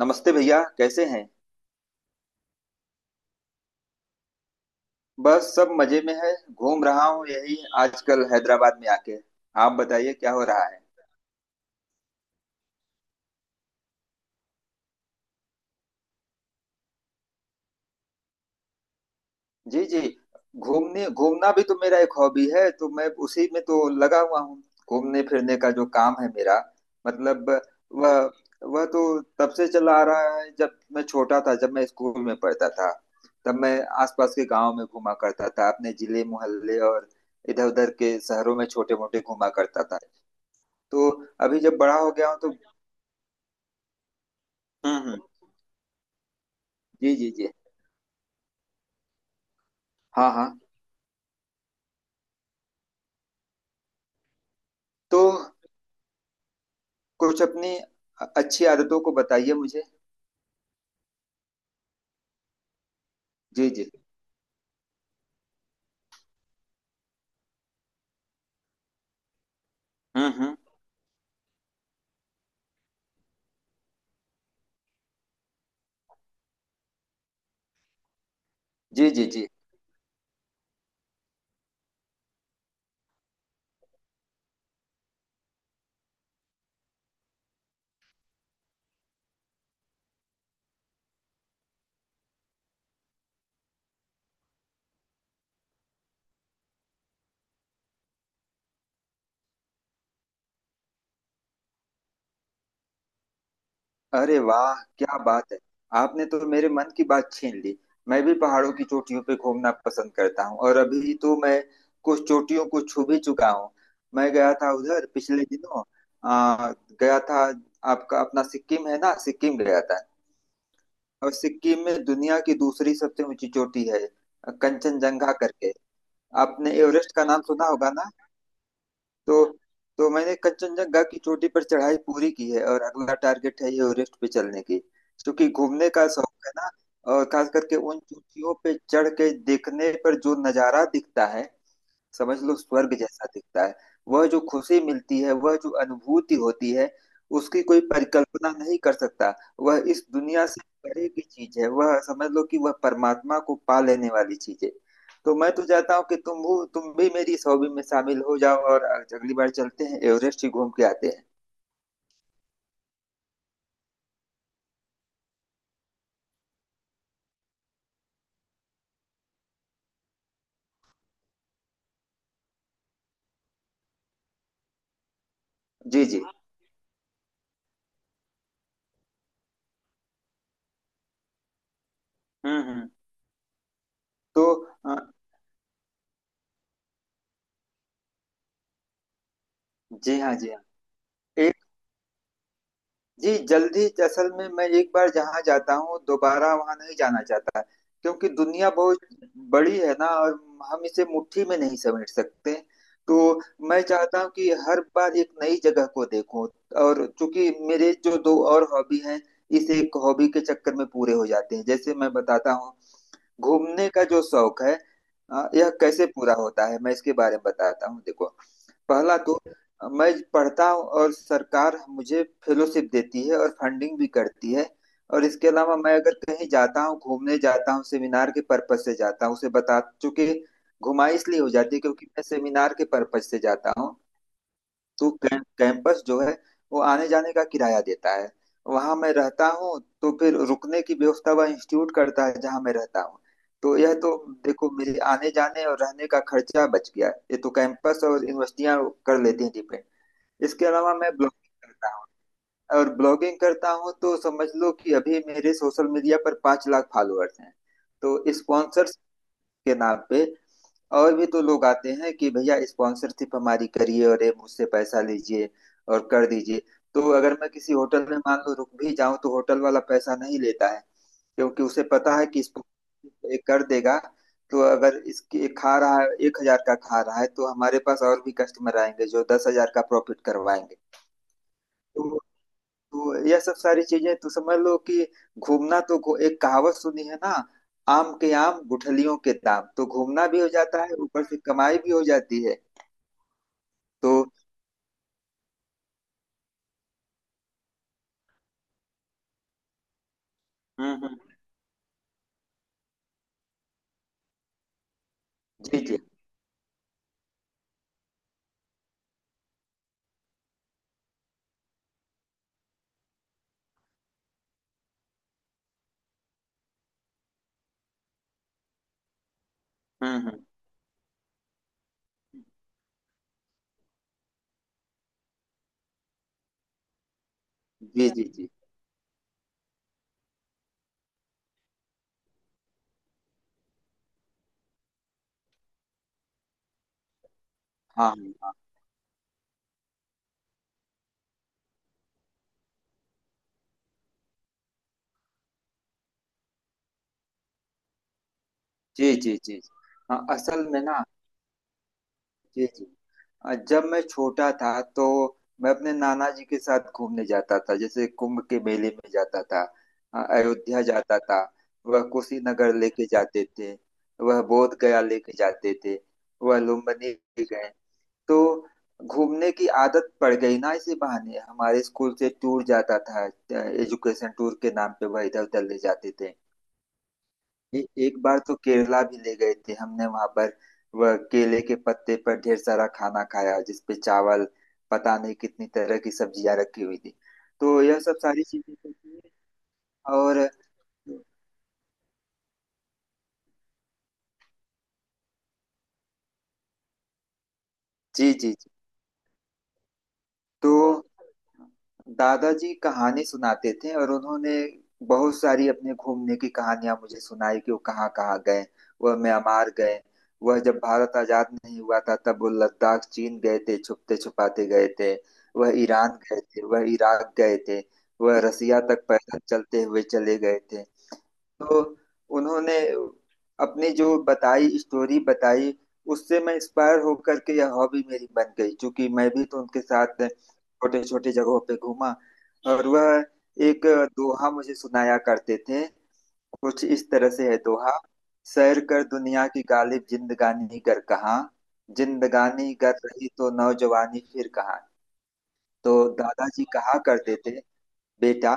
नमस्ते भैया, कैसे हैं? बस सब मजे में है, घूम रहा हूँ यही आजकल, हैदराबाद में आके। आप बताइए, क्या हो रहा है? जी जी। घूमने घूमना भी तो मेरा एक हॉबी है, तो मैं उसी में तो लगा हुआ हूँ। घूमने फिरने का जो काम है मेरा, मतलब वह वह तो तब से चला आ रहा है, जब मैं छोटा था, जब मैं स्कूल में पढ़ता था। तब मैं आसपास के गांव में घूमा करता था, अपने जिले, मोहल्ले, और इधर उधर के शहरों में छोटे मोटे घूमा करता था। तो अभी जब बड़ा हो गया हूँ तो हम्म। जी जी जी। हाँ हाँ। तो कुछ अपनी अच्छी आदतों को बताइए मुझे। जी जी। हम्म। जी जी जी। अरे वाह, क्या बात है! आपने तो मेरे मन की बात छीन ली। मैं भी पहाड़ों की चोटियों पे घूमना पसंद करता हूँ, और अभी तो मैं कुछ चोटियों को छू भी चुका हूँ। मैं गया था उधर पिछले दिनों। आ, गया था। आपका अपना सिक्किम है ना, सिक्किम गया था। और सिक्किम में दुनिया की दूसरी सबसे ऊंची चोटी है, कंचनजंगा करके। आपने एवरेस्ट का नाम सुना होगा ना? तो तो मैंने कंचनजंगा की चोटी पर चढ़ाई पूरी की है, और अगला टारगेट है एवरेस्ट पे चलने की। क्योंकि घूमने का शौक है ना। और खास करके उन चोटियों पे चढ़ के देखने पर जो नजारा दिखता है, समझ लो स्वर्ग जैसा दिखता है। वह जो खुशी मिलती है, वह जो अनुभूति होती है, उसकी कोई परिकल्पना नहीं कर सकता। वह इस दुनिया से परे की चीज है। वह समझ लो कि वह परमात्मा को पा लेने वाली चीज है। तो मैं तो चाहता हूँ कि तुम भी मेरी इस हॉबी में शामिल हो जाओ, और अगली बार चलते हैं, एवरेस्ट ही घूम के आते हैं। जी जी। हम्म। तो अ, जी हाँ जी हाँ। एक, जी जल्दी, असल में मैं एक बार जहाँ जाता हूँ दोबारा वहाँ नहीं जाना चाहता, क्योंकि दुनिया बहुत बड़ी है ना, और हम इसे मुट्ठी में नहीं समेट सकते। तो मैं चाहता हूँ कि हर बार एक नई जगह को देखूं। और चूंकि मेरे जो दो और हॉबी हैं, इस एक हॉबी के चक्कर में पूरे हो जाते हैं। जैसे मैं बताता हूँ, घूमने का जो शौक है, यह कैसे पूरा होता है, मैं इसके बारे में बताता हूँ, देखो। पहला तो मैं पढ़ता हूँ, और सरकार मुझे फेलोशिप देती है और फंडिंग भी करती है। और इसके अलावा मैं अगर कहीं जाता हूँ, घूमने जाता हूँ, सेमिनार के पर्पज से जाता हूँ, उसे बता चूंकि घुमाई इसलिए हो जाती है क्योंकि मैं सेमिनार के पर्पज से जाता हूँ। तो कैंपस जो है वो आने जाने का किराया देता है। वहां मैं रहता हूँ तो फिर रुकने की व्यवस्था वह इंस्टीट्यूट करता है जहां मैं रहता हूँ। तो यह तो देखो, मेरे आने जाने और रहने का खर्चा बच गया, ये तो कैंपस और यूनिवर्सिटियां कर लेती हैं डिपेंड। इसके अलावा मैं ब्लॉगिंग करता हूँ। और ब्लॉगिंग करता हूँ तो समझ लो कि अभी मेरे सोशल मीडिया पर 5 लाख फॉलोअर्स हैं। तो स्पॉन्सर्स के नाम पे और भी तो लोग आते हैं कि भैया, स्पॉन्सरशिप हमारी करिए, और ये मुझसे पैसा लीजिए और कर दीजिए। तो अगर मैं किसी होटल में मान लो रुक भी जाऊं तो होटल वाला पैसा नहीं लेता है, क्योंकि उसे पता है कि स्पॉन्सरशिप ये कर देगा। तो अगर इसके ये खा रहा है, 1,000 का खा रहा है, तो हमारे पास और भी कस्टमर आएंगे जो 10,000 का प्रॉफिट करवाएंगे। तो तो यह सब सारी चीजें, तो समझ लो कि घूमना तो एक कहावत सुनी है ना, आम के आम गुठलियों के दाम, तो घूमना भी हो जाता है ऊपर से कमाई भी हो जाती है। तो हम्म। जी जी। हम्म। जी जी जी। हाँ हाँ हाँ। जी जी जी। हाँ, असल में ना, जी जी, जब मैं छोटा था तो मैं अपने नाना जी के साथ घूमने जाता था। जैसे कुंभ के मेले में जाता था, अयोध्या जाता था, वह कुशीनगर लेके जाते थे, वह बोध गया लेके जाते थे, वह लुम्बिनी गए। तो घूमने की आदत पड़ गई ना, इसी बहाने हमारे स्कूल से टूर जाता था। एजुकेशन टूर के नाम पे वह इधर उधर ले जाते थे। एक बार तो केरला भी ले गए थे हमने, वहां पर वह केले के पत्ते पर ढेर सारा खाना खाया जिसपे चावल, पता नहीं कितनी तरह की सब्जियां रखी हुई थी। तो यह सब सारी चीजें तो थी। और जी जी जी। तो दादाजी कहानी सुनाते थे, और उन्होंने बहुत सारी अपने घूमने की कहानियां मुझे सुनाई कि वो कहाँ कहाँ गए। वह म्यांमार गए, वह जब भारत आजाद नहीं हुआ था तब वो लद्दाख, चीन गए थे, छुपते छुपाते गए थे, वह ईरान गए थे, वह इराक गए थे, वह रसिया तक पैदल चलते हुए चले गए थे। तो उन्होंने अपनी जो बताई स्टोरी बताई, उससे मैं इंस्पायर होकर के यह हॉबी मेरी बन गई, क्योंकि मैं भी तो उनके साथ छोटे छोटे जगहों पे घूमा। और वह एक दोहा मुझे सुनाया करते थे, कुछ इस तरह से है दोहा: सैर कर दुनिया की गालिब, जिंदगानी कर कहाँ, जिंदगानी कर रही तो नौजवानी फिर कहाँ। तो दादाजी कहा करते थे, बेटा,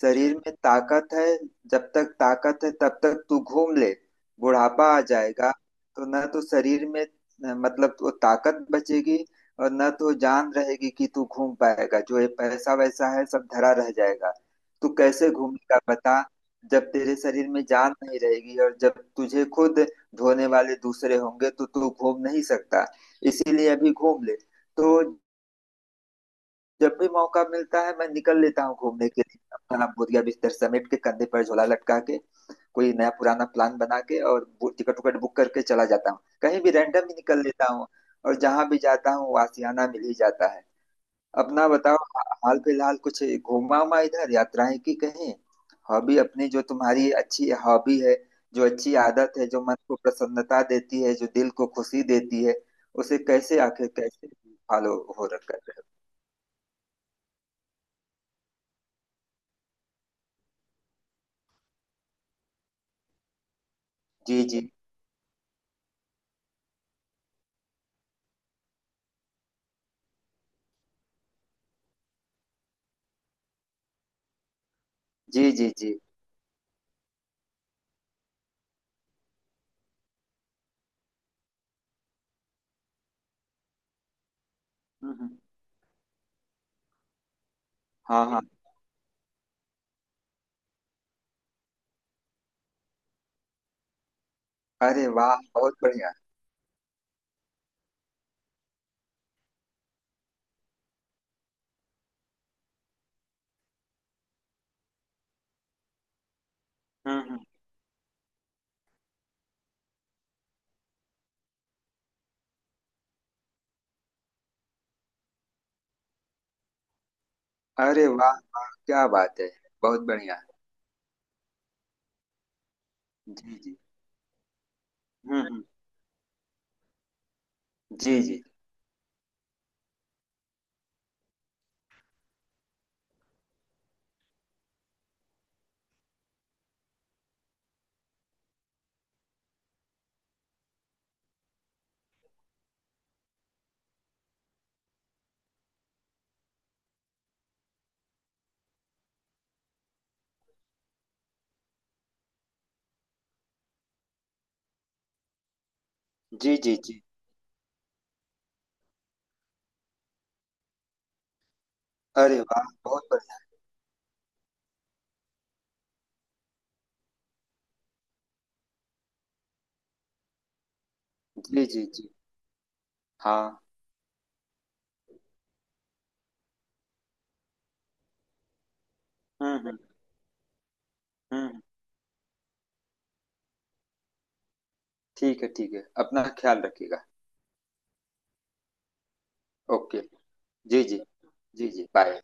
शरीर में ताकत है, जब तक ताकत है तब तक तू घूम ले। बुढ़ापा आ जाएगा, तो न तो शरीर में मतलब वो ताकत बचेगी, और न तो जान रहेगी कि तू घूम पाएगा, जो ये पैसा वैसा है सब धरा रह जाएगा। तू कैसे घूमेगा बता? जब तेरे शरीर में जान नहीं रहेगी और जब तुझे खुद धोने वाले दूसरे होंगे, तो तू घूम नहीं सकता। इसीलिए अभी घूम ले। तो जब भी मौका मिलता है मैं निकल लेता हूँ घूमने के लिए, अपना बोरिया बिस्तर समेट के, कंधे पर झोला लटका के, कोई नया पुराना प्लान बना के, और टिकट उकट बुक करके चला जाता हूँ, कहीं भी रैंडम ही निकल लेता हूँ। और जहां भी जाता हूँ वो आशियाना मिल ही जाता है। अपना बताओ, हाल फिलहाल कुछ घूमा उमा, इधर यात्राएं की कहीं? हॉबी अपनी, जो तुम्हारी अच्छी हॉबी है, जो अच्छी आदत है, जो मन को प्रसन्नता देती है, जो दिल को खुशी देती है, उसे कैसे, आखिर कैसे फॉलो हो रखा है? जी जी। जी जी जी। हम्म। हाँ हाँ। अरे वाह, बहुत बढ़िया! हम्म। अरे वाह वाह, क्या बात है! बहुत बढ़िया। जी जी। हम्म। जी जी जी। जी जी। अरे वाह, बहुत बढ़िया! जी जी जी। हाँ। हम्म। हम्म। ठीक है ठीक है, अपना ख्याल रखिएगा। ओके। जी जी। जी जी बाय।